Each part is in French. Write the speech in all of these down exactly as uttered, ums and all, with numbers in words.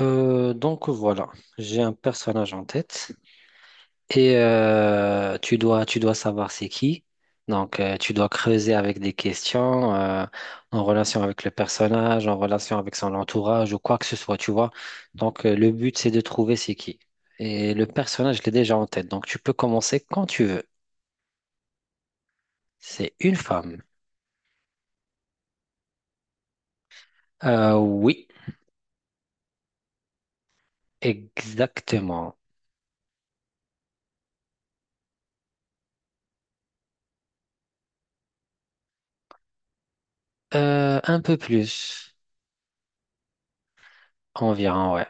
Euh, donc voilà, j'ai un personnage en tête et euh, tu dois, tu dois savoir c'est qui. Donc euh, tu dois creuser avec des questions euh, en relation avec le personnage, en relation avec son entourage ou quoi que ce soit, tu vois. Donc euh, le but c'est de trouver c'est qui. Et le personnage, je l'ai déjà en tête, donc tu peux commencer quand tu veux. C'est une femme. Euh, oui, exactement. Euh, un peu plus, environ, ouais.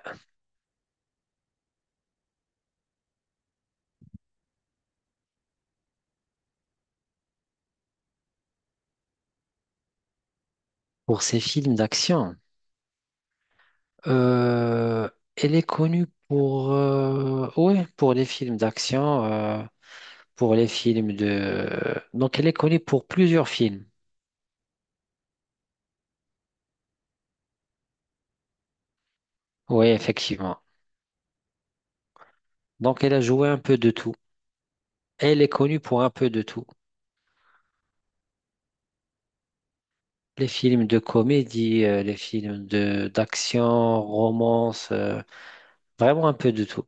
Pour ces films d'action. Euh, Elle est connue pour, euh, ouais, pour les films d'action, euh, pour les films de... Donc, elle est connue pour plusieurs films. Oui, effectivement. Donc, elle a joué un peu de tout. Elle est connue pour un peu de tout. Les films de comédie, euh, les films de d'action, romance, euh, vraiment un peu de tout.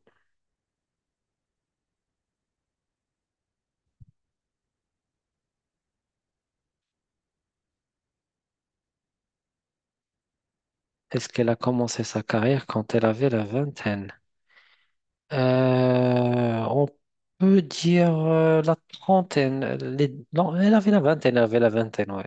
Est-ce qu'elle a commencé sa carrière quand elle avait la vingtaine? Euh, on peut dire euh, la trentaine. les- Non, elle avait la vingtaine, elle avait la vingtaine, ouais.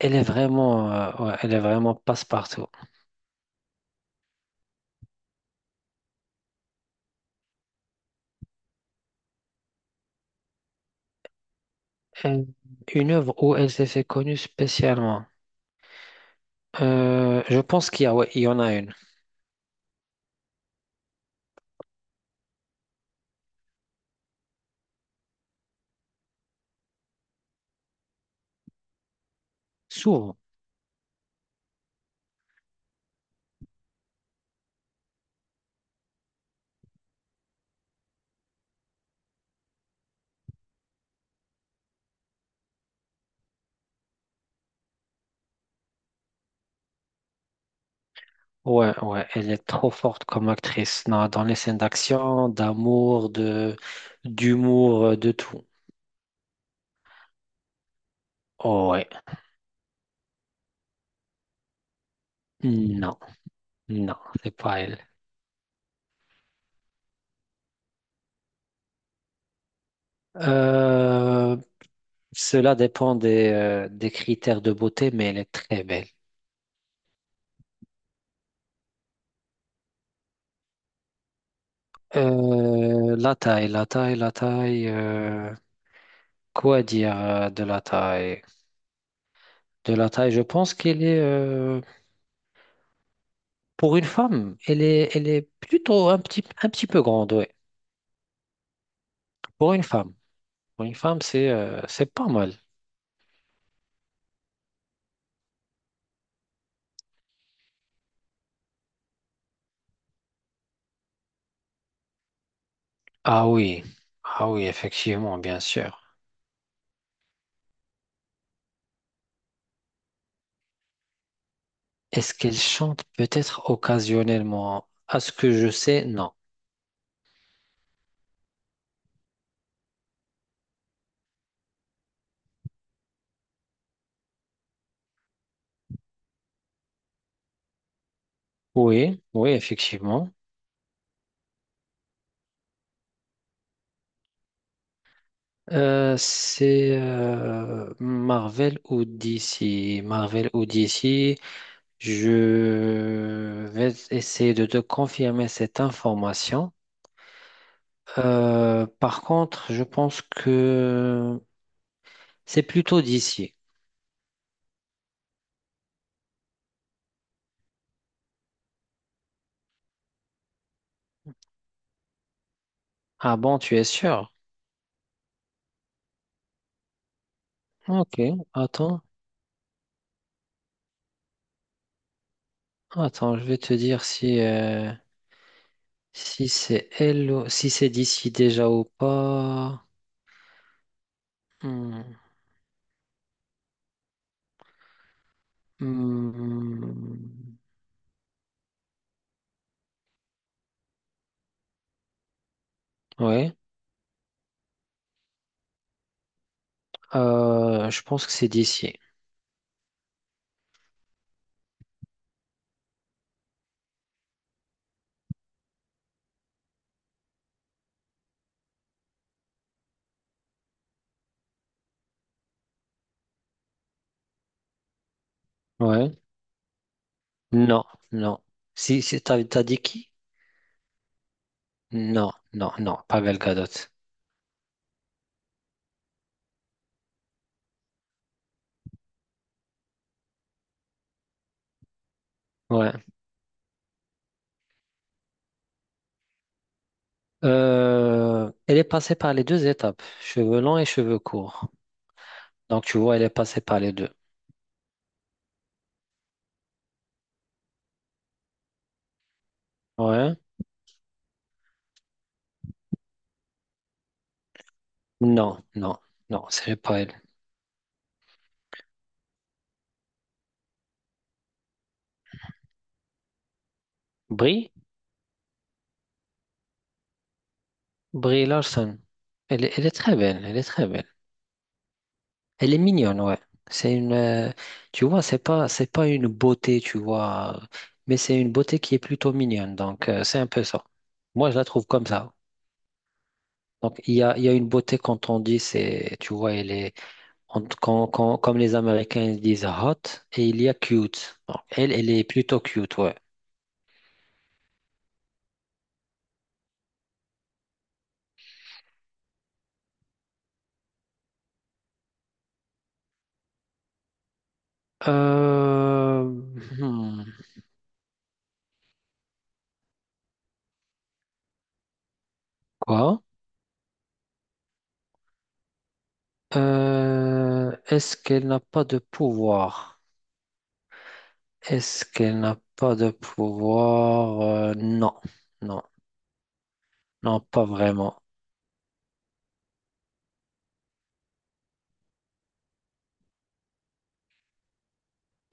Elle est vraiment, euh, ouais, elle est vraiment passe-partout. Euh, Une œuvre où elle s'est fait connue spécialement. Euh, je pense qu'il y a, ouais, il y en a une. Souvent. Ouais, ouais, elle est trop forte comme actrice. Non, dans les scènes d'action, d'amour, de, d'humour, euh, de tout. Oh, ouais. Non, non, c'est pas elle. Euh, Cela dépend des, euh, des critères de beauté, mais elle est très belle. Euh, la taille, la taille, la taille. Euh, quoi dire euh, de la taille? De la taille, je pense qu'elle est, euh, pour une femme, elle est, elle est plutôt un petit, un petit peu grande, ouais. Pour une femme. Pour une femme, c'est euh, c'est pas mal. Ah oui, ah oui, effectivement, bien sûr. Est-ce qu'elle chante peut-être occasionnellement? À ce que je sais, non. Oui, oui, effectivement. Euh, c'est euh, Marvel ou D C. Marvel ou D C, je vais essayer de te confirmer cette information. Euh, par contre, je pense que c'est plutôt D C. Ah bon, tu es sûr? Ok, attends, attends, je vais te dire si, euh, si c'est elle, ou- si c'est D C déjà ou pas. Hmm, hmm, hmm, hmm, ouais, Euh, je pense que c'est D C. Ouais. Non, non. Si, si t'as, t'as dit qui? Non, non, non, Pavel Gadot. Ouais. Euh, elle est passée par les deux étapes, cheveux longs et cheveux courts. Donc tu vois, elle est passée par les deux. Ouais. Non, non, non, c'est pas elle. Brie? Brie Larson. Elle, est- elle est très belle, elle est très belle. Elle est mignonne, ouais. C'est une, euh, tu vois, c'est pas, c'est pas une beauté, tu vois, euh, mais c'est une beauté qui est plutôt mignonne. Donc euh, c'est un peu ça. Moi, je la trouve comme ça. Donc, il y a, il y a une beauté quand on dit, c'est, tu vois, elle est, on- quand, quand- comme les Américains ils disent hot, et il y a cute. Donc, elle, elle est plutôt cute, ouais. Euh, hmm, quoi? Euh, est-ce qu'elle n'a pas de pouvoir? Est-ce qu'elle n'a pas de pouvoir? Euh, non, non, non, pas vraiment.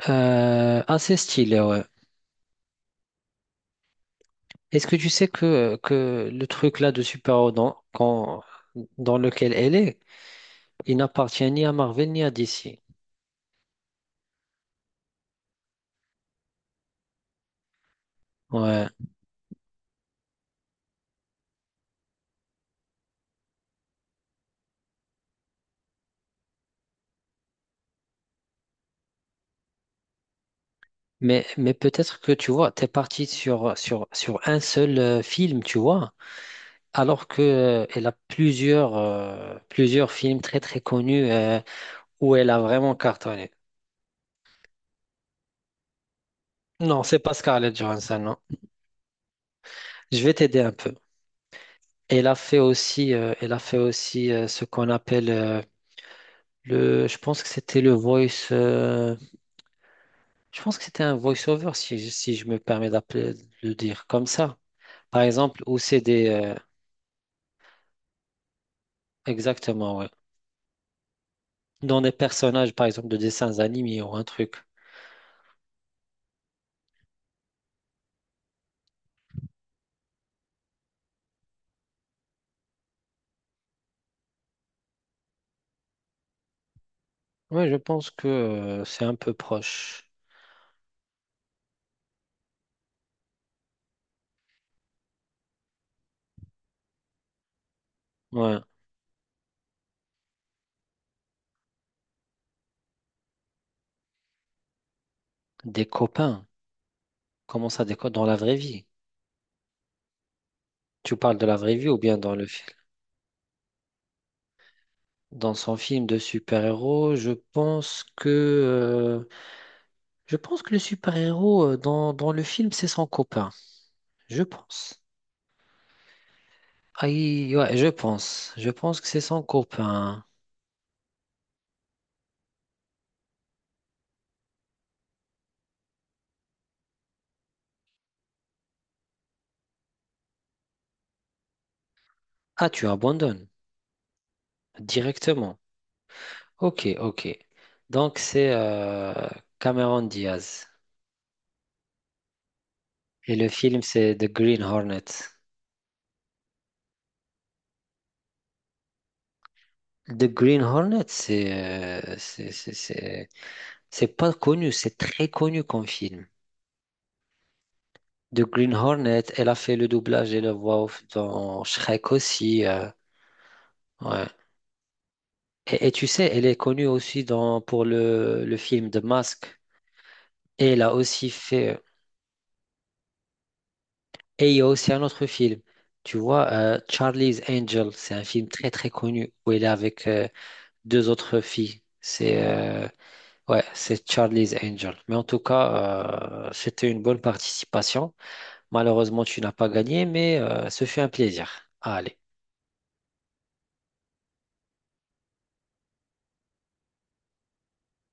Euh, assez stylé, ouais. Est-ce que tu sais que, que le truc là de super-héros dans, quand- dans lequel elle est, il n'appartient ni à Marvel ni à D C. Ouais. Mais, mais peut-être que tu vois, t'es parti sur, sur, sur un seul euh, film, tu vois, alors que euh, elle a plusieurs, euh, plusieurs films très très connus euh, où elle a vraiment cartonné. Non, c'est pas Scarlett Johansson, non. Je vais t'aider un peu. Elle a fait aussi, euh, elle a fait aussi euh, ce qu'on appelle euh, le, je pense que c'était le voice, euh, je pense que c'était un voice-over si, je- si je me permets d'appeler, de le dire comme ça. Par exemple, où c'est des, euh, exactement, ouais. Dans des personnages, par exemple, de dessins animés ou un truc. Ouais, je pense que euh, c'est un peu proche. Ouais. Des copains. Comment ça, des copains? Dans la vraie vie. Tu parles de la vraie vie ou bien dans le film? Dans son film de super-héros, je pense que euh, je pense que le super-héros euh, dans, dans le film, c'est son copain. Je pense. Aïe, ouais, je pense. Je pense que c'est son copain. Ah, tu abandonnes directement. Ok, ok. Donc c'est euh, Cameron Diaz. Et le film, c'est The Green Hornet. The Green Hornet, c'est euh, c'est c'est- c'est- c'est pas connu, c'est très connu comme film. The Green Hornet, elle a fait le doublage et la voix off dans Shrek aussi. euh, ouais. Et, et tu sais, elle est connue aussi dans, pour le, le film The Mask. Et elle a aussi fait. Et il y a aussi un autre film. Tu vois, euh, Charlie's Angel, c'est un film très très connu où elle est avec euh, deux autres filles. C'est euh, ouais, c'est Charlie's Angel. Mais en tout cas, euh, c'était une bonne participation. Malheureusement, tu n'as pas gagné, mais euh, ce fut un plaisir. Allez.